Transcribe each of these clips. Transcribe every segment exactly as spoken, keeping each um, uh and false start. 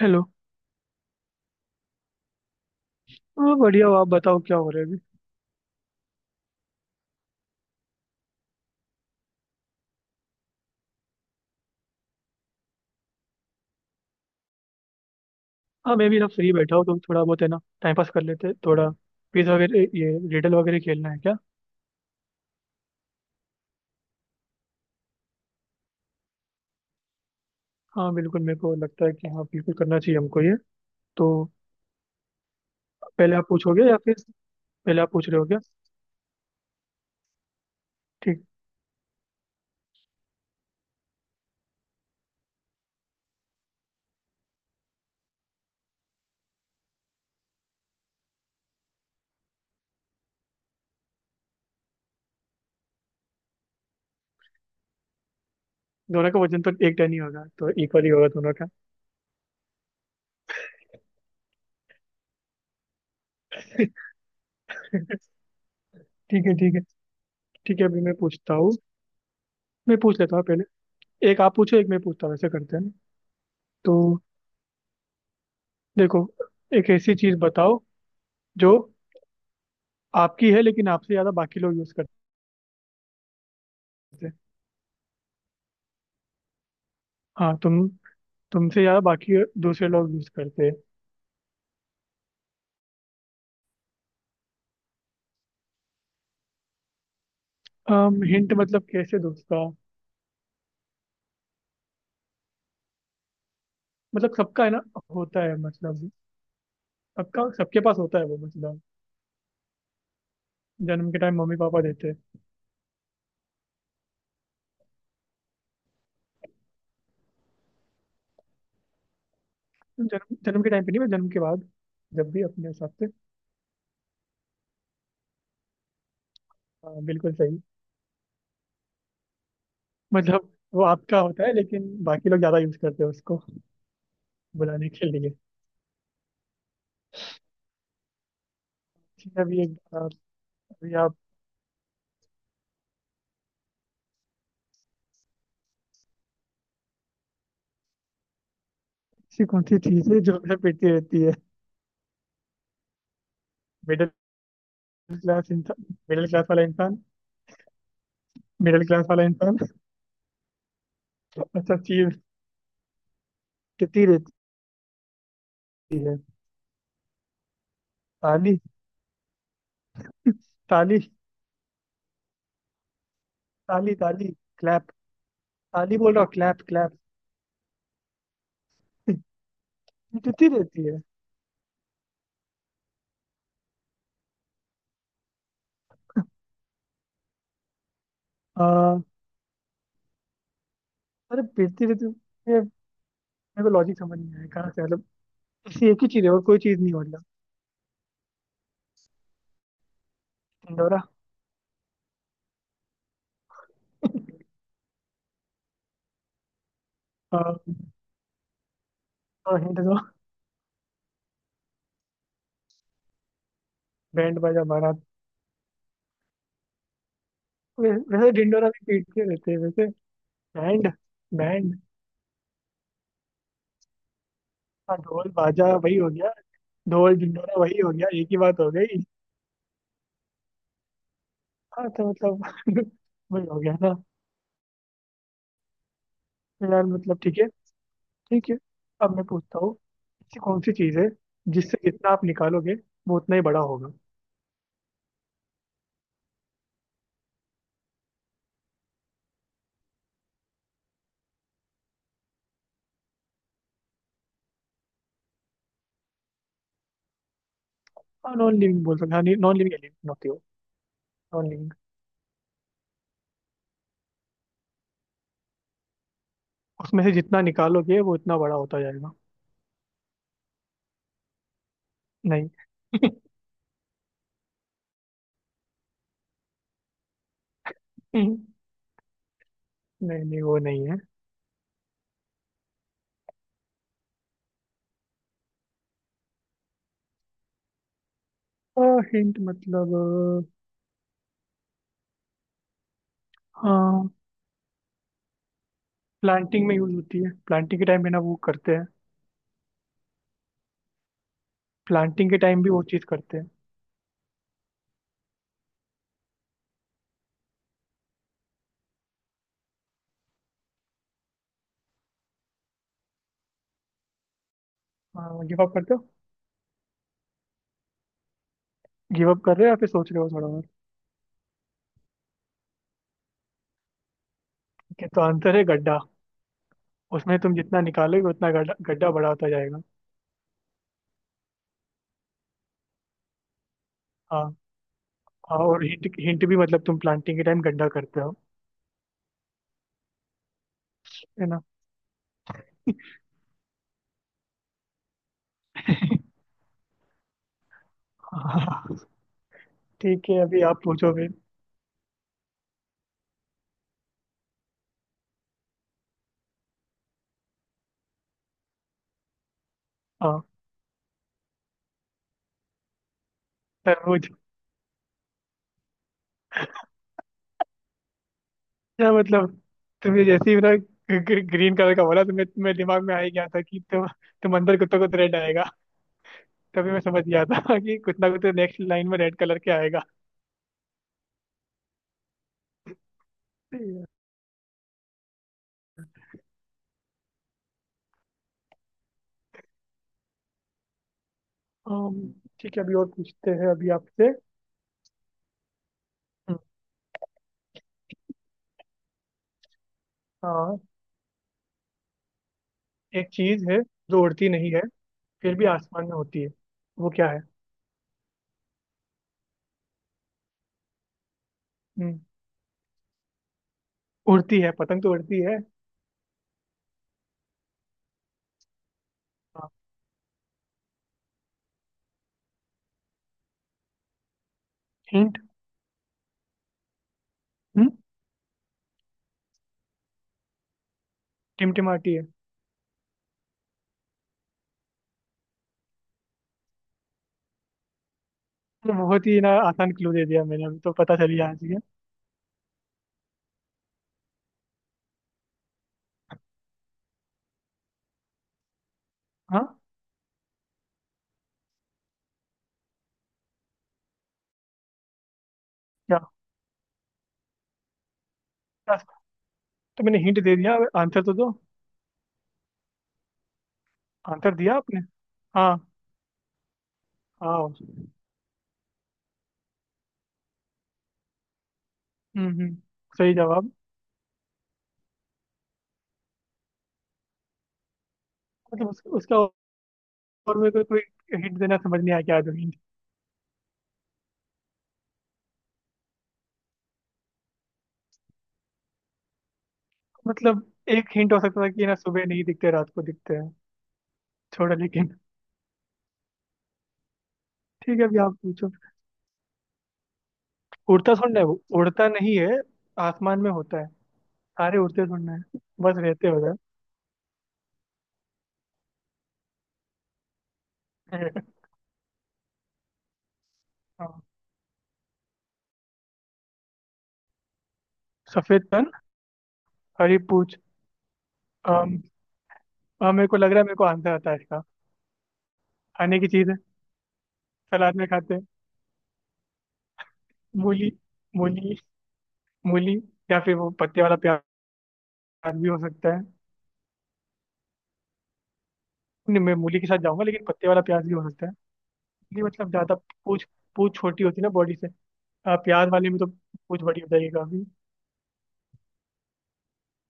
Hello. हाँ, बढ़िया हो। आप बताओ, क्या हो रहा है अभी? हाँ, मैं भी ना फ्री बैठा हूँ, तो थोड़ा बहुत है ना टाइम पास कर लेते हैं थोड़ा। क्विज वगैरह, ये रिडल वगैरह खेलना है क्या? हाँ बिल्कुल, मेरे को लगता है कि हाँ बिल्कुल करना चाहिए हमको ये। तो पहले आप पूछोगे या फिर? पहले आप पूछ रहे हो क्या? ठीक। दोनों का वजन तो एक टन ही होगा, तो इक्वल ही होगा दोनों का। ठीक है, ठीक है। ठीक है, अभी मैं पूछता हूँ। मैं पूछ लेता हूँ पहले। एक आप पूछो, एक मैं पूछता हूँ, ऐसे करते हैं। तो देखो, एक ऐसी चीज बताओ जो आपकी है लेकिन आपसे ज्यादा बाकी लोग यूज करते हैं। हाँ, तुम तुमसे ज्यादा बाकी दूसरे लोग यूज करते हैं। हिंट मतलब कैसे दोस्ता? मतलब सबका है ना। होता है मतलब। सबका, सबके पास होता है वो, मतलब जन्म के टाइम मम्मी पापा देते हैं। जन्म जन्म के टाइम पे नहीं, बस जन्म के बाद, जब भी अपने हिसाब से। हाँ, बिल्कुल सही। मतलब वो आपका होता है लेकिन बाकी लोग ज्यादा यूज करते हैं उसको बुलाने के लिए। ठीक है। अभी एक आप- अभी आप। ऐसी कौन सी चीज है जो हमेशा पीटती रहती है? मिडिल क्लास इंसान। मिडिल क्लास वाला इंसान। मिडिल क्लास वाला इंसान। अच्छा, चीज। पीटती रहती है। ताली। ताली, ताली, ताली, क्लैप। ताली बोल रहा हूँ, क्लैप, क्लैप। पिटती रहती है। आ, अरे, पिटती रहती है ये। मेरे को लॉजिक समझ नहीं आया कहाँ से मतलब। ऐसी एक ही चीज है और कोई चीज नहीं मतलब। ढिंडोरा। और हिंट दो। बैंड बाजा बारात। वै- वैसे ढिंडोरा भी पीटते रहते हैं वैसे। बैंड। बैंड। हाँ, ढोल बाजा वही हो गया। ढोल ढिंडोरा वही हो गया, एक ही बात हो गई। हाँ तो मतलब वही हो गया ना। तो यार मतलब ठीक है। ठीक है, अब मैं पूछता हूँ। ऐसी कौन सी चीज़ है जिससे जितना आप निकालोगे वो उतना ही बड़ा होगा? हाँ, नॉन लिविंग बोल सकते हैं। हाँ, नॉन लिविंग एलिमेंट होती हो। Non living. उसमें से जितना निकालोगे वो उतना बड़ा होता जाएगा। नहीं। नहीं, नहीं वो नहीं है। हिंट मतलब अ, हाँ। प्लांटिंग में यूज होती है, प्लांटिंग के टाइम में ना वो करते हैं। प्लांटिंग के टाइम भी वो चीज़ करते हैं। गिव अप करते हो? गिव अप कर रहे हो या फिर सोच रहे हो थोड़ा बहुत? ठीक है, तो आंसर है गड्ढा। उसमें तुम जितना निकालोगे उतना गड्ढा, गड्ढा बड़ा होता जाएगा। हाँ, हाँ। और हिंट, हिंट भी मतलब तुम प्लांटिंग के टाइम गड्ढा करते हो। है ना? हाँ, ठीक है, अभी आप पूछो फिर। हाँ, तरबूज। क्या मतलब? तुमने जैसे ही मेरा ग्रीन कलर का बोला तो मैं, मेरे दिमाग में आ ही गया था कि तुम तुम अंदर कुत्ता को तो रेड आएगा। तभी मैं समझ गया था कि कुछ ना कुछ तो नेक्स्ट लाइन में रेड कलर के आएगा। सही है। अम, ठीक है, अभी और पूछते हैं अभी आपसे। हम्म, हाँ। एक चीज है जो उड़ती नहीं है फिर भी आसमान में होती है, वो क्या है? हम्म, उड़ती है पतंग तो उड़ती है। हाँ, हिंट। टिमटिमाती है। तो बहुत ही ना आसान क्लू दे दिया मैंने, अभी तो पता चली जाना चाहिए। हाँ। क्या? क्या- तो मैंने हिंट दे दिया, आंसर तो दो। आंसर दिया आपने? हाँ, हाँ। हम्म, हम्म, सही जवाब। मतलब उस, उसका और मेरे को कोई हिंट देना समझ नहीं आया, क्या दो हिंट। मतलब एक हिंट हो सकता था कि ना, सुबह नहीं दिखते, रात को दिखते हैं। छोड़ो लेकिन। ठीक है, अभी आप पूछो। उड़ता थोड़ा है, वो उड़ता नहीं है, आसमान में होता है। सारे उड़ते थोड़ा है, बस रहते हो गए। हाँ। सफेद तन हरी पूछ। हाँ, मेरे को लग रहा है मेरे को आंसर आता है इसका। खाने की चीज़ है, सलाद में खाते हैं। मूली। मूली। मूली या फिर वो पत्ते वाला प्याज भी हो सकता है। नहीं, मैं मूली के साथ जाऊंगा, लेकिन पत्ते वाला प्याज भी हो सकता है। नहीं मतलब ज़्यादा पूछ, पूछ छोटी होती है ना बॉडी से। हाँ, प्याज वाले में तो पूछ बड़ी हो जाएगी काफी।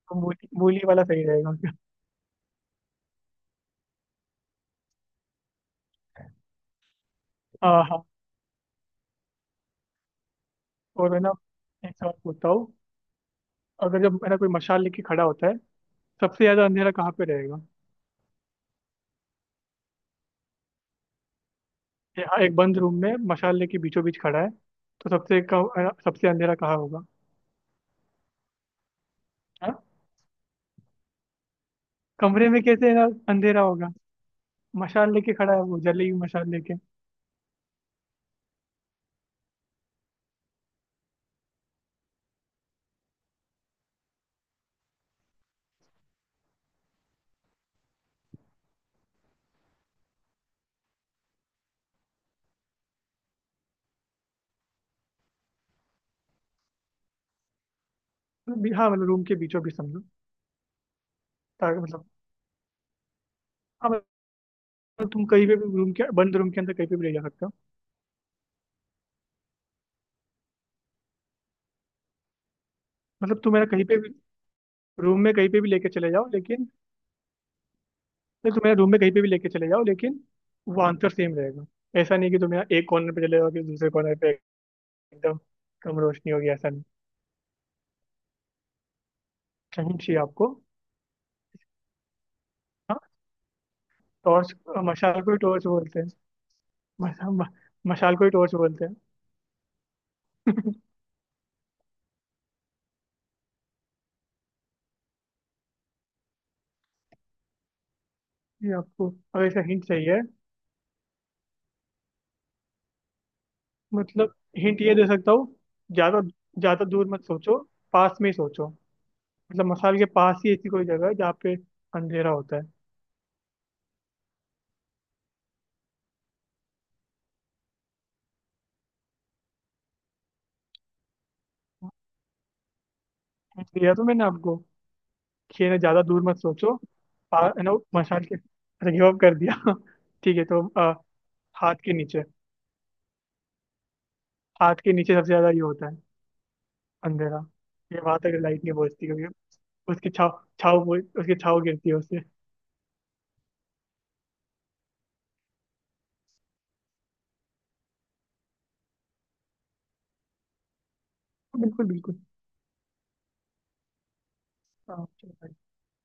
तो मूली, मूली वाला सही रहेगा। हाँ, हाँ। और है ना, एक सवाल पूछता हूँ। अगर, जब है ना कोई मशाल लेके खड़ा होता है, सबसे ज़्यादा अंधेरा कहाँ पे रहेगा? यहाँ एक बंद रूम में मशाल लेके बीचों बीच खड़ा है, तो सबसे कम है ना, सबसे अंधेरा कहाँ होगा? हाँ? कमरे में कैसे है ना अंधेरा होगा? मशाल लेके खड़ा है वो, जलेगी मशाल लेके। मतलब भी- हाँ, मतलब रूम के बीचों बीच समझो, ताकि मतलब, हाँ, मतलब तुम कहीं पे भी रूम के, बंद रूम के अंदर कहीं पे भी ले जा सकते हो। मतलब तुम मेरा कहीं पे भी रूम में कहीं पे भी लेके चले जाओ लेकिन, मतलब तुम मेरा रूम में कहीं पे भी लेके चले जाओ लेकिन वो आंसर सेम रहेगा। ऐसा नहीं कि तुम मेरा एक कॉर्नर पे चले जाओ कि दूसरे कॉर्नर पे एकदम कम रोशनी होगी, ऐसा नहीं। कहीं चाहिए आपको। हाँ, टॉर्च? मशाल को ही टॉर्च बोलते हैं। मशा, म, मशाल को ही टॉर्च बोलते हैं। ये आपको अगर ऐसा हिंट चाहिए। मतलब हिंट ये दे सकता हूँ, ज्यादा, ज्यादा दूर मत सोचो, पास में ही सोचो। मतलब मसाल के पास ही ऐसी कोई जगह है जहाँ पे अंधेरा होता है। Hint दिया तो मैंने आपको कि है ना ज्यादा दूर मत सोचो। पा- है ना, मसाल के अच्छा, गिव अप कर दिया। ठीक है, तो अ, हाथ के नीचे। हाथ के नीचे सबसे ज्यादा ये होता है, अंधेरा। ये वहां तक लाइट नहीं पहुंचती कभी। उसकी छाव। छाव पहुंच- उसकी छाव गिरती है उससे। बिल्कुल, बिल्कुल। हाँ,